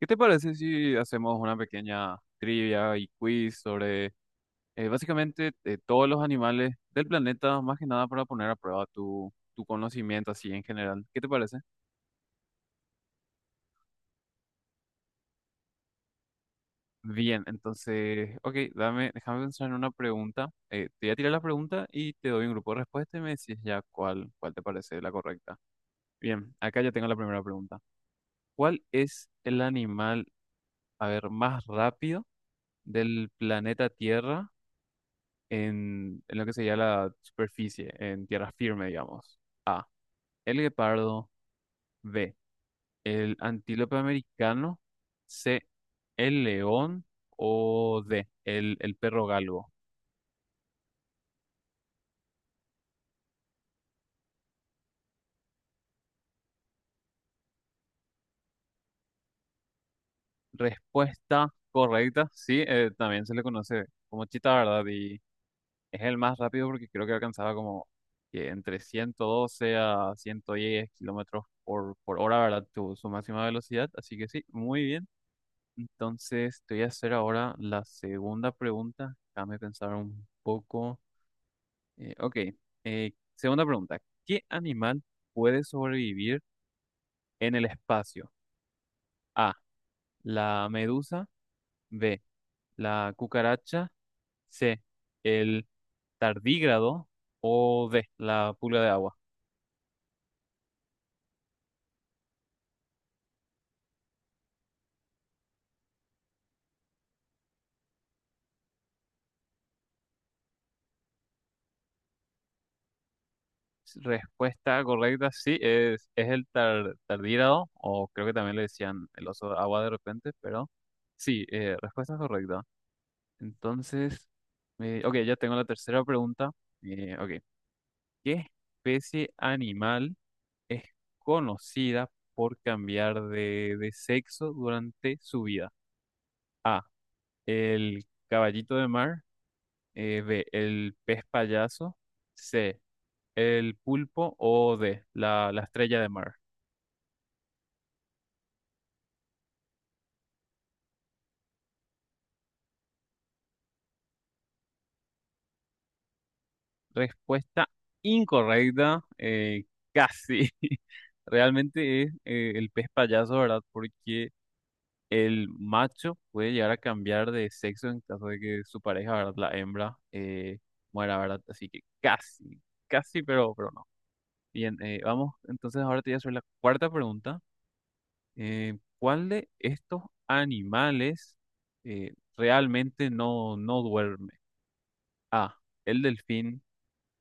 ¿Qué te parece si hacemos una pequeña trivia y quiz sobre básicamente todos los animales del planeta, más que nada para poner a prueba tu conocimiento así en general? ¿Qué te parece? Bien, entonces, ok, déjame pensar en una pregunta. Te voy a tirar la pregunta y te doy un grupo de respuestas y me decís ya cuál te parece la correcta. Bien, acá ya tengo la primera pregunta. ¿Cuál es el animal, a ver, más rápido del planeta Tierra? En lo que sería la superficie, en tierra firme, digamos. A. El guepardo. B. El antílope americano. C. El león. O D. El perro galgo. Respuesta correcta. Sí, también se le conoce como chita, ¿verdad? Y es el más rápido porque creo que alcanzaba como que entre 112 a 110 kilómetros por hora, ¿verdad? Su máxima velocidad. Así que sí, muy bien. Entonces, te voy a hacer ahora la segunda pregunta. Déjame pensar un poco. Ok, segunda pregunta. ¿Qué animal puede sobrevivir en el espacio? A, la medusa. B, la cucaracha. C, el tardígrado. O D, la pulga de agua. Respuesta correcta, sí, es el tardígrado, o creo que también le decían el oso de agua de repente, pero sí, respuesta correcta. Entonces, ok, ya tengo la tercera pregunta. Ok, ¿qué especie animal es conocida por cambiar de sexo durante su vida? A, el caballito de mar, B, el pez payaso, C, el pulpo o D, la estrella de mar. Respuesta incorrecta, casi. Realmente es el pez payaso, ¿verdad? Porque el macho puede llegar a cambiar de sexo en caso de que su pareja, ¿verdad? La hembra muera, ¿verdad? Así que casi, casi, pero no. Bien, vamos, entonces ahora te voy a hacer la cuarta pregunta. ¿Cuál de estos animales realmente no, no duerme? A, el delfín,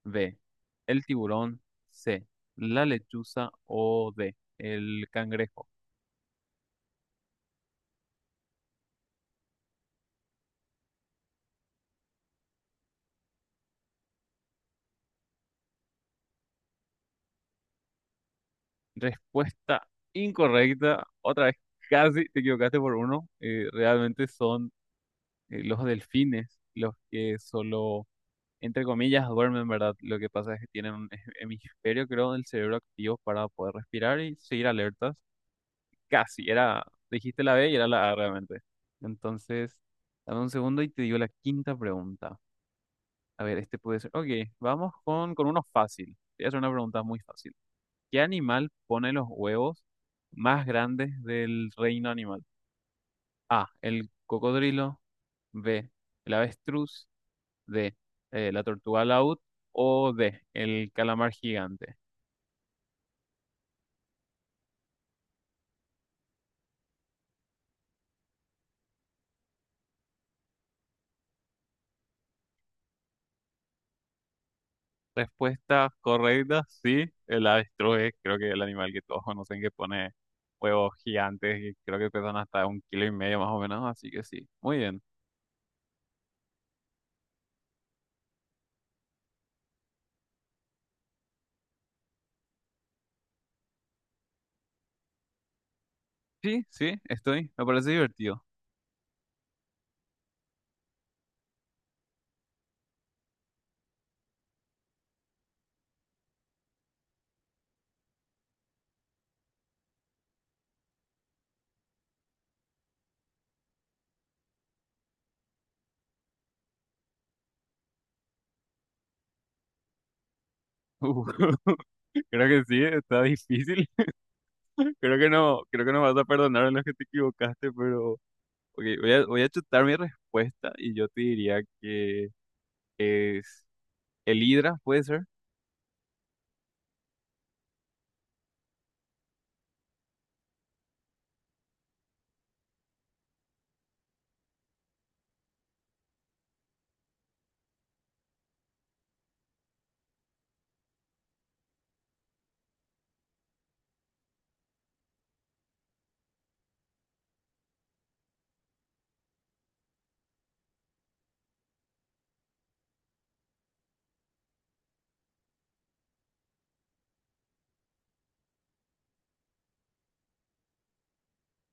B, el tiburón, C, la lechuza o D, el cangrejo. Respuesta incorrecta. Otra vez, casi te equivocaste por uno. Realmente son los delfines los que solo, entre comillas, duermen, ¿verdad? Lo que pasa es que tienen un hemisferio, creo, del cerebro activo para poder respirar y seguir alertas. Casi, era, dijiste la B y era la A realmente. Entonces, dame un segundo y te digo la quinta pregunta. A ver, este puede ser. Ok, vamos con uno fácil. Te voy a hacer una pregunta muy fácil. ¿Qué animal pone los huevos más grandes del reino animal? A. El cocodrilo. B. El avestruz. D. La tortuga laúd. O D. El calamar gigante. Respuesta correcta, sí. El avestruz es creo que el animal que todos conocen que pone huevos gigantes y creo que pesan hasta un kilo y medio más o menos. Así que sí. Muy bien. Sí, sí, estoy. Me parece divertido. Uh, creo que sí, está difícil. Creo que no vas a perdonar a los que te equivocaste, pero ok, voy a chutar mi respuesta y yo te diría que es el Hidra, ¿puede ser?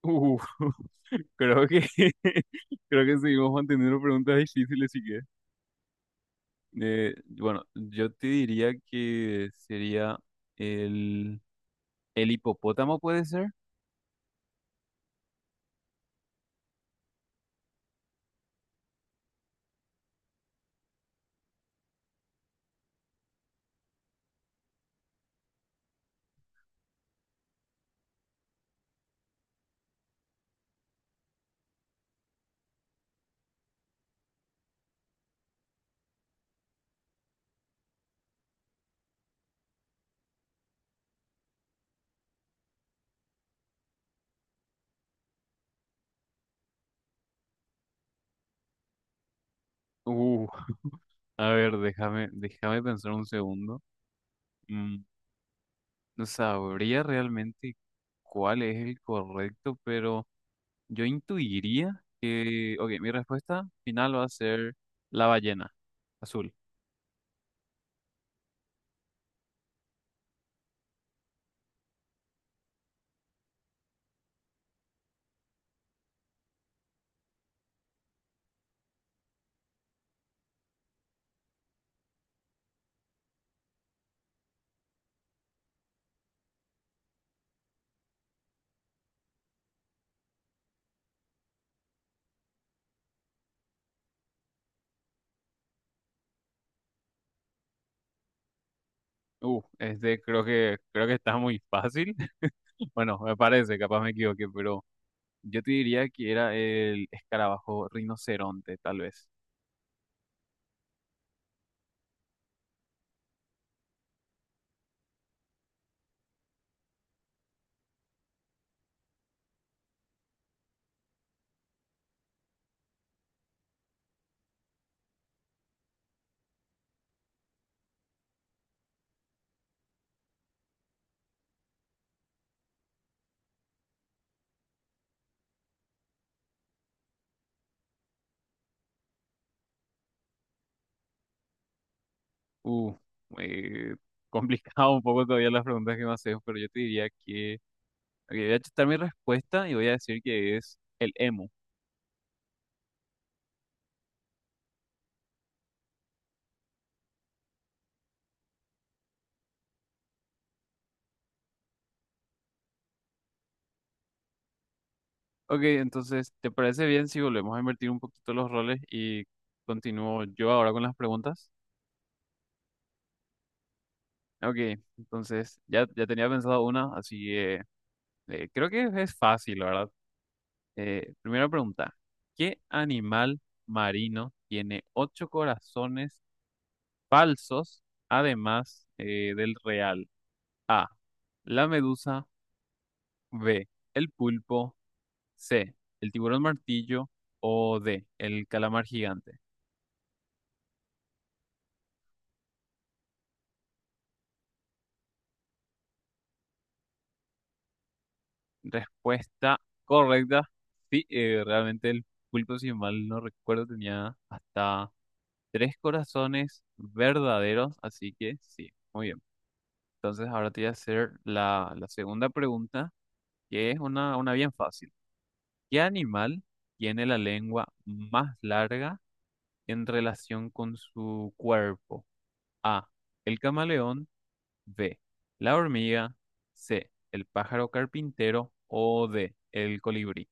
Uh, creo que creo que seguimos manteniendo preguntas difíciles, así que bueno, yo te diría que sería el el hipopótamo, ¿puede ser? Uh, a ver, déjame pensar un segundo. Mm, no sabría realmente cuál es el correcto, pero yo intuiría que, ok, mi respuesta final va a ser la ballena azul. Este creo que está muy fácil. Bueno, me parece, capaz me equivoqué, pero yo te diría que era el escarabajo rinoceronte, tal vez. Uh, eh, complicado un poco todavía las preguntas que me haces, pero yo te diría que, ok, voy a chutar mi respuesta y voy a decir que es el emu. Ok, entonces, ¿te parece bien si volvemos a invertir un poquito los roles y continúo yo ahora con las preguntas? Ok, entonces ya tenía pensado una, así que creo que es fácil, la ¿verdad? Primera pregunta, ¿qué animal marino tiene ocho corazones falsos además del real? A, la medusa, B, el pulpo, C, el tiburón martillo o D, el calamar gigante. Respuesta correcta, sí, realmente el pulpo, si mal no recuerdo, tenía hasta tres corazones verdaderos, así que sí, muy bien. Entonces ahora te voy a hacer la segunda pregunta, que es una bien fácil. ¿Qué animal tiene la lengua más larga en relación con su cuerpo? A, el camaleón, B, la hormiga, C, el pájaro carpintero o D, el colibrí.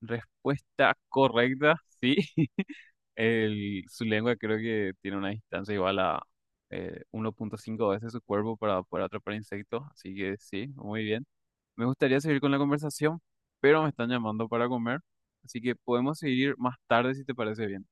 Respuesta correcta, sí. Su lengua creo que tiene una distancia igual a 1,5 veces su cuerpo para poder atrapar insectos, así que sí, muy bien. Me gustaría seguir con la conversación, pero me están llamando para comer, así que podemos seguir más tarde si te parece bien.